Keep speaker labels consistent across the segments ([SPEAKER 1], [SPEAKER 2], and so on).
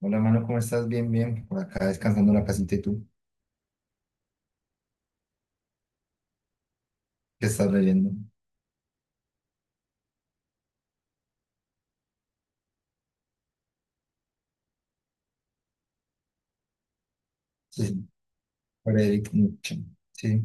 [SPEAKER 1] Hola, mano, ¿cómo estás? Bien, bien. Por acá descansando en la casita y tú, ¿qué estás leyendo? Sí, Frederick Nietzsche. Sí.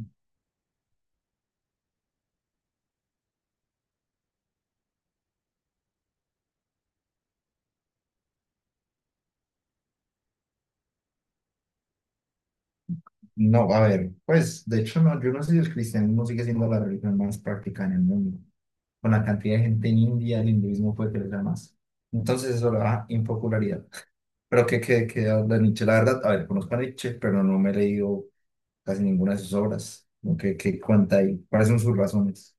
[SPEAKER 1] No, a ver, pues, de hecho, no, yo no sé si el cristianismo sigue siendo la religión más practicada en el mundo. Con la cantidad de gente en India, el hinduismo fue crecer más. Entonces, eso le da impopularidad. Pero que qué, qué qué habla Nietzsche? La verdad, a ver, conozco a Nietzsche, pero no me he leído casi ninguna de sus obras. Lo que cuenta ahí, cuáles son sus razones.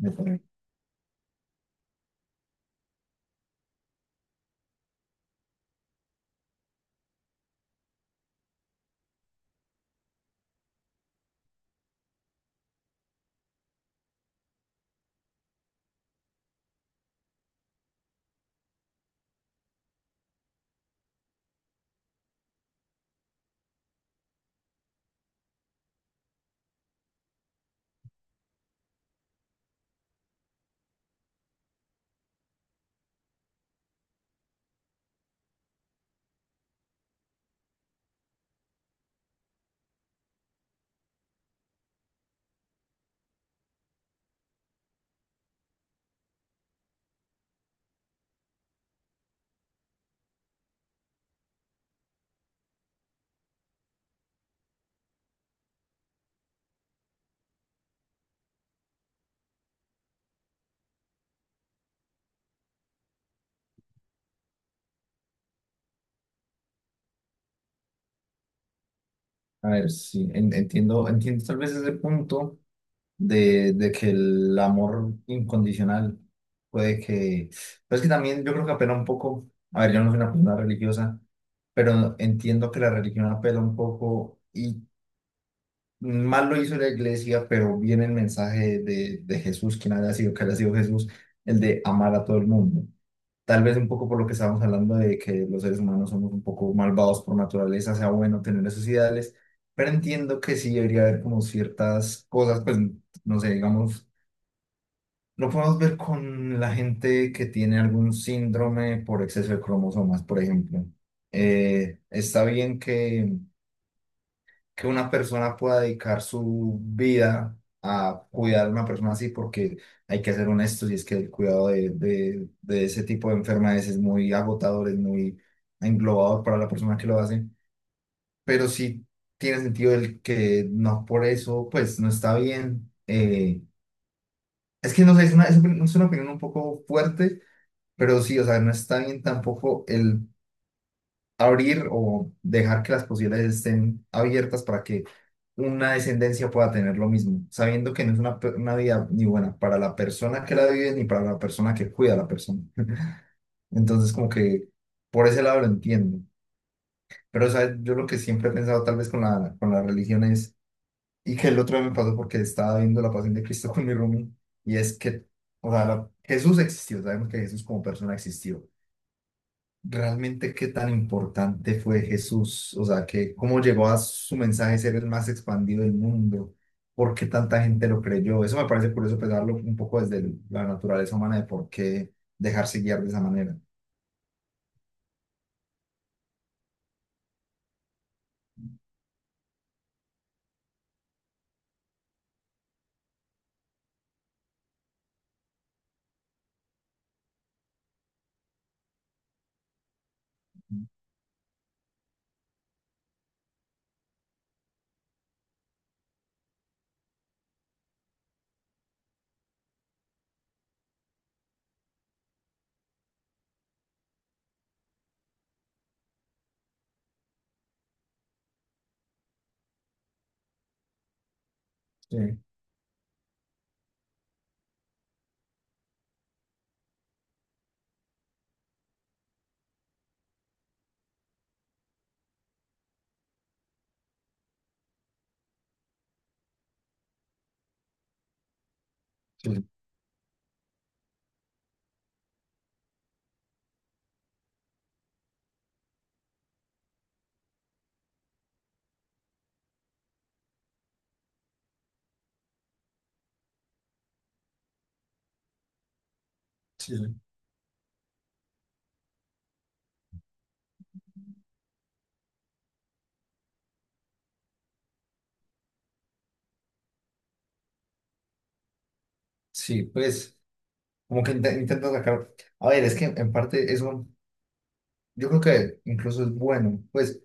[SPEAKER 1] Me parece. A ver, sí, entiendo, entiendo tal vez ese punto de que el amor incondicional puede que... Pues que también yo creo que apela un poco, a ver, yo no soy una persona religiosa, pero entiendo que la religión apela un poco y mal lo hizo la iglesia, pero viene el mensaje de Jesús, quien haya sido, que haya sido Jesús, el de amar a todo el mundo. Tal vez un poco por lo que estábamos hablando de que los seres humanos somos un poco malvados por naturaleza, sea bueno tener esos ideales, pero entiendo que sí debería haber como ciertas cosas, pues no sé, digamos lo podemos ver con la gente que tiene algún síndrome por exceso de cromosomas, por ejemplo. Está bien que una persona pueda dedicar su vida a cuidar a una persona así, porque hay que ser honestos, y es que el cuidado de ese tipo de enfermedades es muy agotador, es muy englobador para la persona que lo hace. Pero sí tiene sentido el que no por eso, pues no está bien. Es que no sé, es una opinión un poco fuerte. Pero sí, o sea, no está bien tampoco el abrir o dejar que las posibilidades estén abiertas para que una descendencia pueda tener lo mismo, sabiendo que no es una, una vida ni buena para la persona que la vive ni para la persona que cuida a la persona. Entonces, como que por ese lado lo entiendo. Pero, o sea, yo lo que siempre he pensado tal vez con la religión es, y que el otro día me pasó porque estaba viendo la Pasión de Cristo con mi roomie, y es que, o sea, Jesús existió, sabemos que Jesús como persona existió. Realmente qué tan importante fue Jesús, o sea, que cómo llegó a su mensaje ser el más expandido del mundo, por qué tanta gente lo creyó. Eso me parece curioso pensarlo un poco desde la naturaleza humana de por qué dejarse guiar de esa manera. Sí, sí, sí, sí, pues como que intento sacar, a ver, es que en parte eso yo creo que incluso es bueno, pues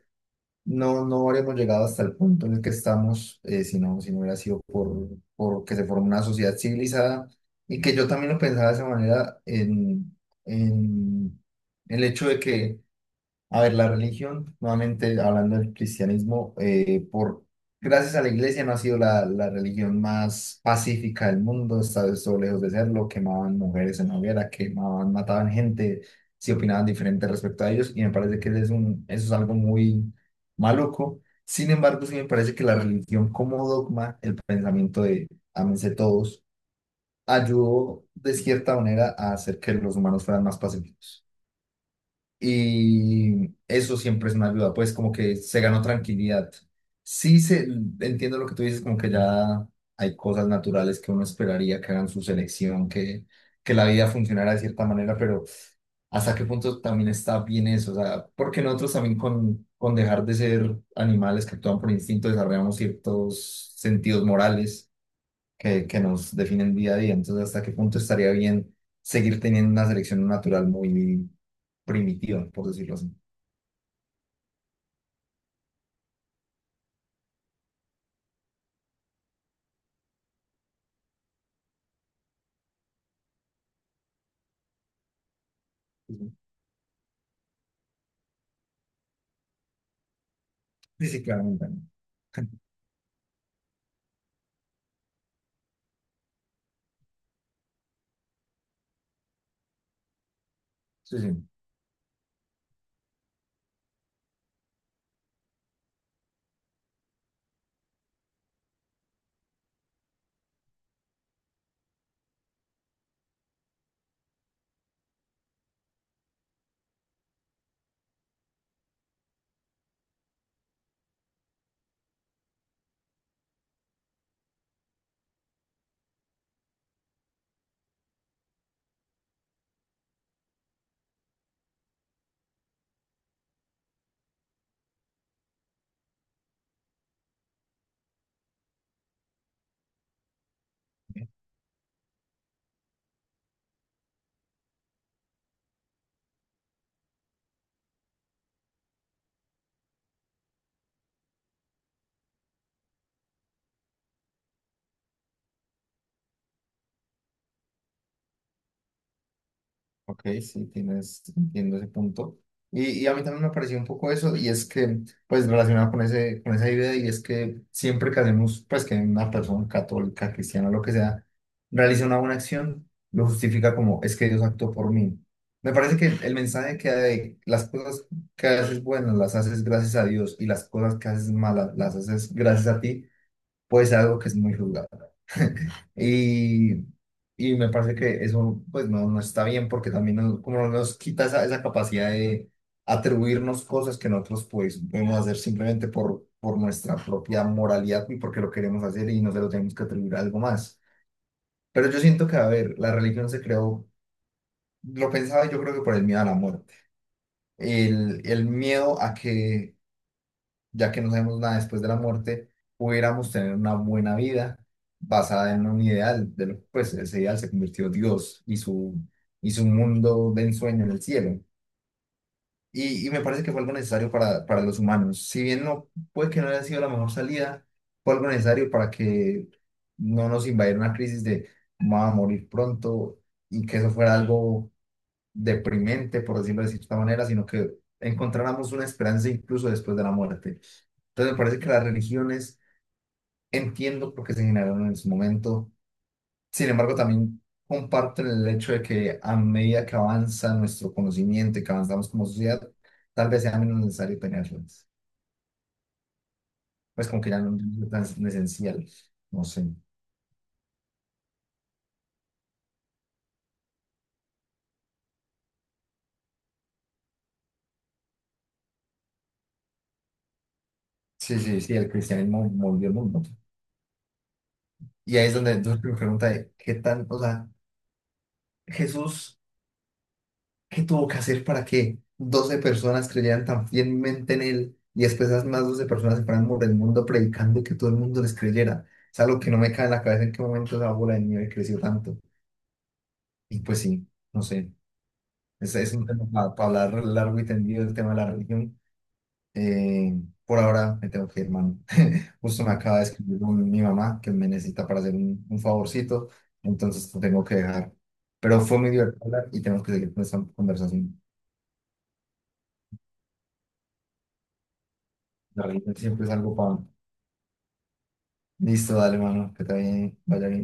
[SPEAKER 1] no, no habríamos llegado hasta el punto en el que estamos, si no, si no hubiera sido por que se formó una sociedad civilizada, y que yo también lo pensaba de esa manera en el hecho de que a ver, la religión, nuevamente hablando del cristianismo, por gracias a la iglesia no ha sido la religión más pacífica del mundo, está esto lejos de serlo, quemaban mujeres en la hoguera, quemaban, mataban gente, si opinaban diferente respecto a ellos, y me parece que ese es un, eso es algo muy maluco. Sin embargo, sí me parece que la religión como dogma, el pensamiento de ámense todos, ayudó de cierta manera a hacer que los humanos fueran más pacíficos. Y eso siempre es una ayuda, pues como que se ganó tranquilidad. Sí se, entiendo lo que tú dices, como que ya hay cosas naturales que uno esperaría que hagan su selección, que la vida funcionara de cierta manera, pero hasta qué punto también está bien eso, o sea, porque nosotros también con dejar de ser animales que actúan por instinto desarrollamos ciertos sentidos morales que nos definen día a día, entonces hasta qué punto estaría bien seguir teniendo una selección natural muy, primitiva, por decirlo así. Sí, sí, claramente. Sí, sí. Ok, sí, tienes, entiendo ese punto. Y a mí también me pareció un poco eso, y es que, pues, relacionado con ese, con esa idea, y es que siempre que hacemos, pues, que una persona católica, cristiana, lo que sea, realiza una buena acción, lo justifica como, es que Dios actuó por mí. Me parece que el mensaje que hay, las cosas que haces buenas las haces gracias a Dios, y las cosas que haces malas las haces gracias a ti, pues algo que es muy jugado. Y, y me parece que eso pues no, no está bien porque también nos, como nos quita esa, esa capacidad de atribuirnos cosas que nosotros pues podemos hacer simplemente por nuestra propia moralidad y porque lo queremos hacer y no se lo tenemos que atribuir a algo más. Pero yo siento que, a ver, la religión se creó, lo pensaba yo creo que por el miedo a la muerte, el miedo a que ya que no sabemos nada después de la muerte, pudiéramos tener una buena vida basada en un ideal, pues ese ideal se convirtió Dios y su mundo de ensueño en el cielo. Y me parece que fue algo necesario para los humanos. Si bien no puede que no haya sido la mejor salida, fue algo necesario para que no nos invadiera una crisis de vamos a morir pronto, y que eso fuera algo deprimente, por decirlo de cierta manera, sino que encontráramos una esperanza incluso después de la muerte. Entonces me parece que las religiones, entiendo por qué se generaron en su momento. Sin embargo, también comparten el hecho de que a medida que avanza nuestro conocimiento y que avanzamos como sociedad, tal vez sea menos necesario tenerlas. Pues como que ya no es tan esencial. No sé. Sí, sí, sí, el cristianismo movió el mundo. Y ahí es donde entonces me pregunta de qué tan, o sea, Jesús, ¿qué tuvo que hacer para que 12 personas creyeran tan fielmente en él y después las más 12 personas se fueran por el mundo predicando y que todo el mundo les creyera? Es algo que no me cae en la cabeza en qué momento esa bola de nieve creció tanto. Y pues sí, no sé, es un tema para hablar largo y tendido del tema de la religión. Eh, por ahora me tengo que ir, hermano. Justo me acaba de escribir mi mamá que me necesita para hacer un favorcito, entonces te tengo que dejar. Pero fue muy divertido hablar y tenemos que seguir con esta conversación. La religión siempre es algo para... Listo, dale, mano, que te vaya bien. Vaya bien.